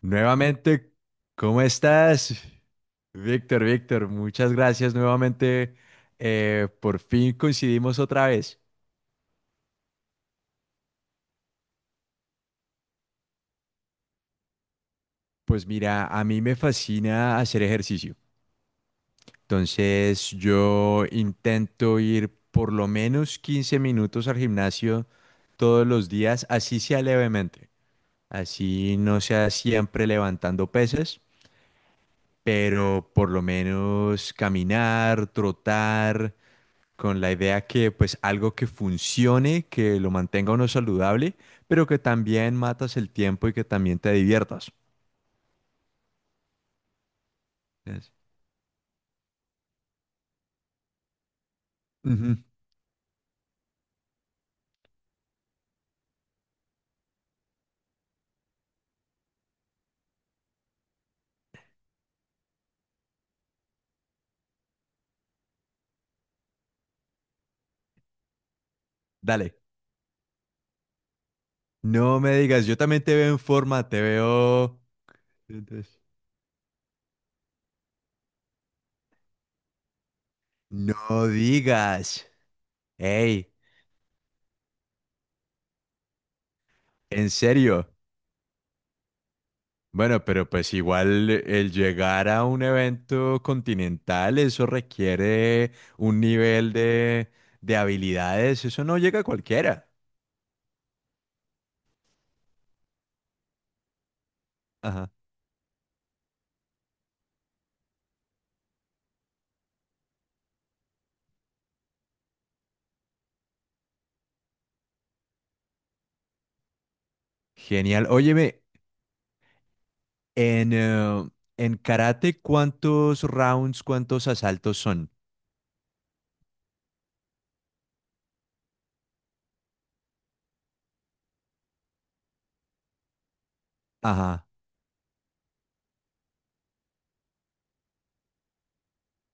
Nuevamente, ¿cómo estás? Víctor, Víctor, muchas gracias nuevamente. Por fin coincidimos otra vez. Pues mira, a mí me fascina hacer ejercicio. Entonces yo intento ir por lo menos 15 minutos al gimnasio todos los días, así sea levemente. Así no sea siempre levantando pesas, pero por lo menos caminar, trotar, con la idea que pues algo que funcione, que lo mantenga uno saludable, pero que también matas el tiempo y que también te diviertas. Es- Ujú. Dale, no me digas, yo también te veo en forma, te veo... Entonces, no digas, hey, en serio. Bueno, pero pues igual el llegar a un evento continental, eso requiere un nivel de habilidades, eso no llega a cualquiera. Ajá. Genial. Óyeme, En, eh, en karate, ¿cuántos rounds, cuántos asaltos son? Ajá,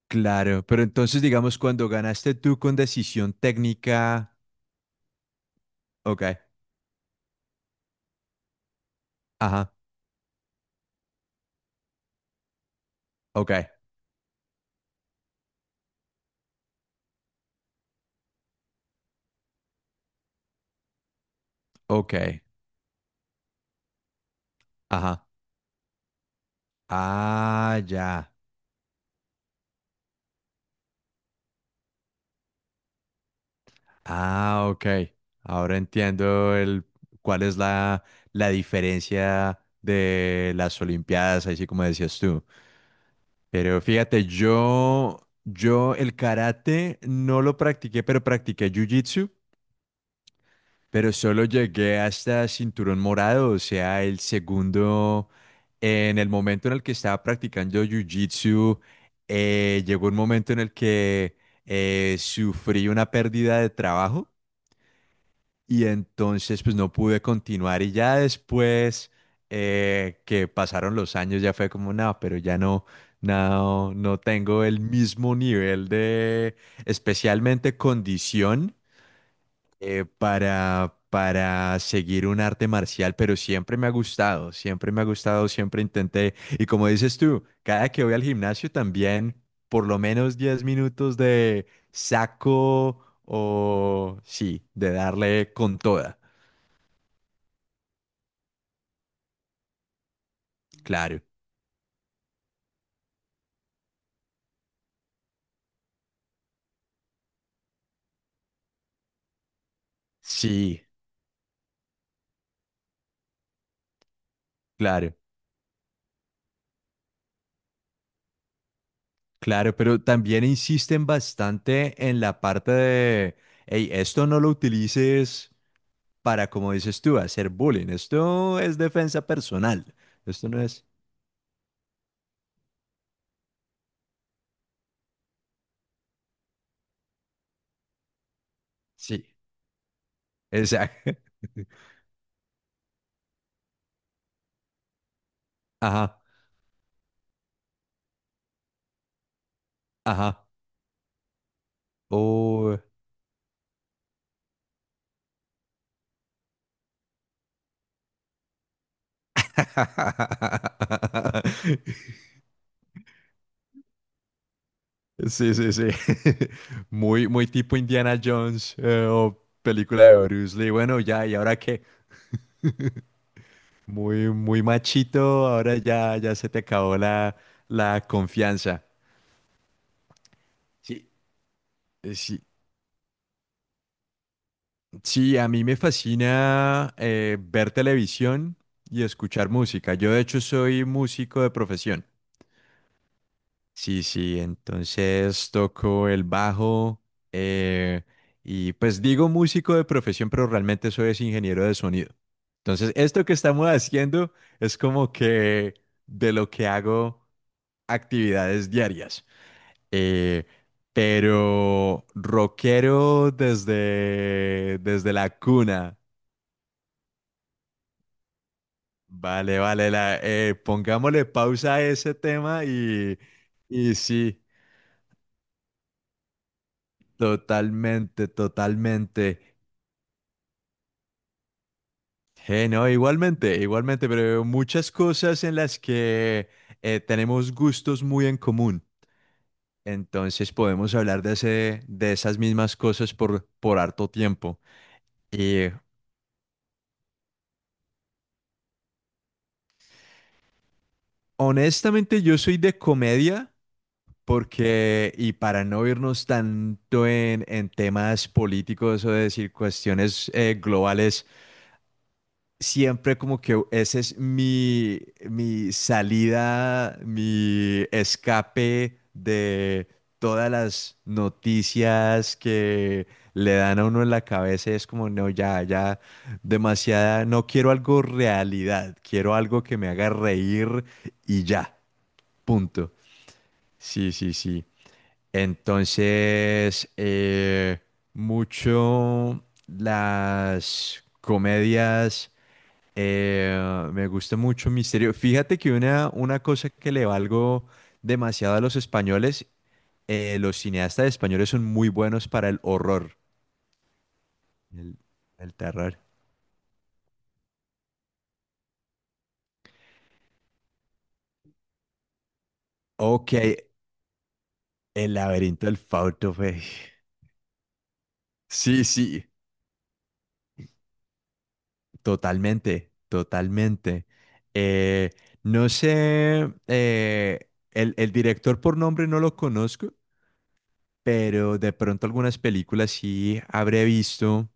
claro. Pero entonces, digamos, cuando ganaste tú con decisión técnica. Ok, ajá, ok, ok, ajá. Ah, ya. Ah, ok. Ahora entiendo el cuál es la, la diferencia de las Olimpiadas, así como decías tú. Pero fíjate, yo el karate no lo practiqué, pero practiqué jiu-jitsu. Pero solo llegué hasta cinturón morado, o sea, el segundo. En el momento en el que estaba practicando jiu-jitsu, llegó un momento en el que sufrí una pérdida de trabajo y entonces pues no pude continuar, y ya después, que pasaron los años, ya fue como, no, pero ya no, no tengo el mismo nivel de, especialmente condición, para seguir un arte marcial, pero siempre me ha gustado, siempre me ha gustado, siempre intenté. Y como dices tú, cada que voy al gimnasio también, por lo menos 10 minutos de saco, o sí, de darle con toda. Claro, sí, claro, claro, pero también insisten bastante en la parte de, hey, esto no lo utilices para, como dices tú, hacer bullying. Esto es defensa personal. Esto no es... Sí, exacto. Ajá, ajá. Oh. Sí, sí, sí. Muy, muy tipo Indiana Jones, o película de Bruce Lee. Bueno, ya, ¿y ahora qué? Muy, muy machito, ahora ya, ya se te acabó la, la confianza. Sí. Sí, sí, a mí me fascina ver televisión y escuchar música. Yo de hecho soy músico de profesión. Sí, sí, entonces toco el bajo, eh, y pues digo músico de profesión, pero realmente soy es ingeniero de sonido. Entonces, esto que estamos haciendo es como que de lo que hago actividades diarias. Eh, pero rockero desde, desde la cuna. Vale, vale, la, pongámosle pausa a ese tema y sí, totalmente, totalmente. No, igualmente, igualmente, pero muchas cosas en las que tenemos gustos muy en común. Entonces podemos hablar de ese, de esas mismas cosas por harto tiempo. Y honestamente yo soy de comedia porque, y para no irnos tanto en temas políticos o decir cuestiones globales, siempre como que ese es mi, mi salida, mi escape de todas las noticias que le dan a uno en la cabeza. Es como, no, ya, ya, demasiada, no quiero algo realidad, quiero algo que me haga reír y ya, punto. Sí, sí, sí. Entonces, mucho las comedias, me gusta mucho misterio. Fíjate que una cosa que le valgo demasiado a los españoles, los cineastas españoles son muy buenos para el horror, el, el terror. Ok, El laberinto del Fausto, güey. Sí, sí, totalmente, totalmente. Eh, no sé, el director por nombre no lo conozco, pero de pronto algunas películas sí habré visto.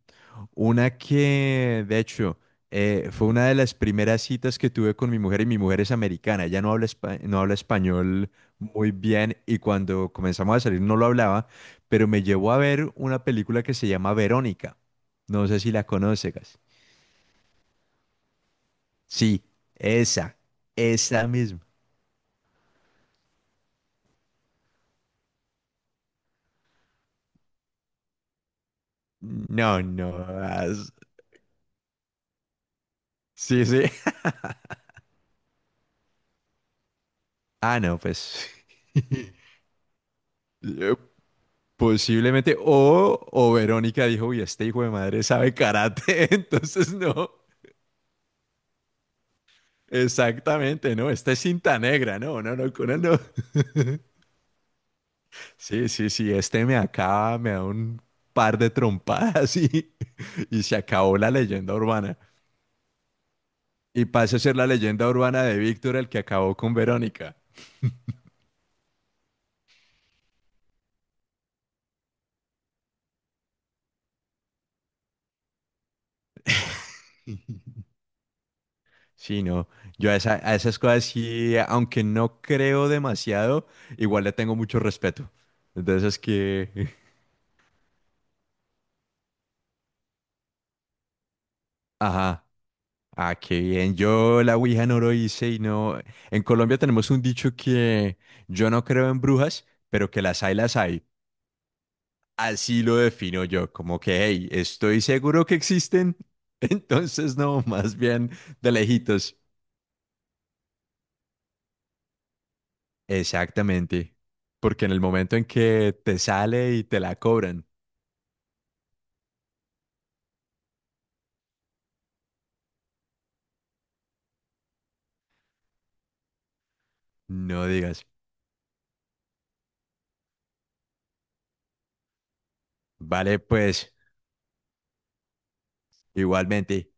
Una que, de hecho, fue una de las primeras citas que tuve con mi mujer, y mi mujer es americana. Ella no habla, no habla español muy bien, y cuando comenzamos a salir no lo hablaba, pero me llevó a ver una película que se llama Verónica. No sé si la conoces. Sí, esa, esa misma. No, no. as- Sí, sí. Ah, no, pues eh, posiblemente. O Verónica dijo, uy, este hijo de madre sabe karate, entonces no. Exactamente, ¿no? Este es cinta negra, no, no, no, Conan no. Sí, sí, sí, este me acaba, me da un par de trompadas y se acabó la leyenda urbana. Y pasa a ser la leyenda urbana de Víctor, el que acabó con Verónica. Sí, no, yo a, a esas cosas sí, aunque no creo demasiado, igual le tengo mucho respeto. Entonces es que, ajá. Ah, qué bien. Yo la Ouija no lo hice y no. En Colombia tenemos un dicho que yo no creo en brujas, pero que las hay, las hay. Así lo defino yo, como que, hey, estoy seguro que existen. Entonces, no, más bien de lejitos. Exactamente. Porque en el momento en que te sale y te la cobran, no digas, vale, pues, igualmente.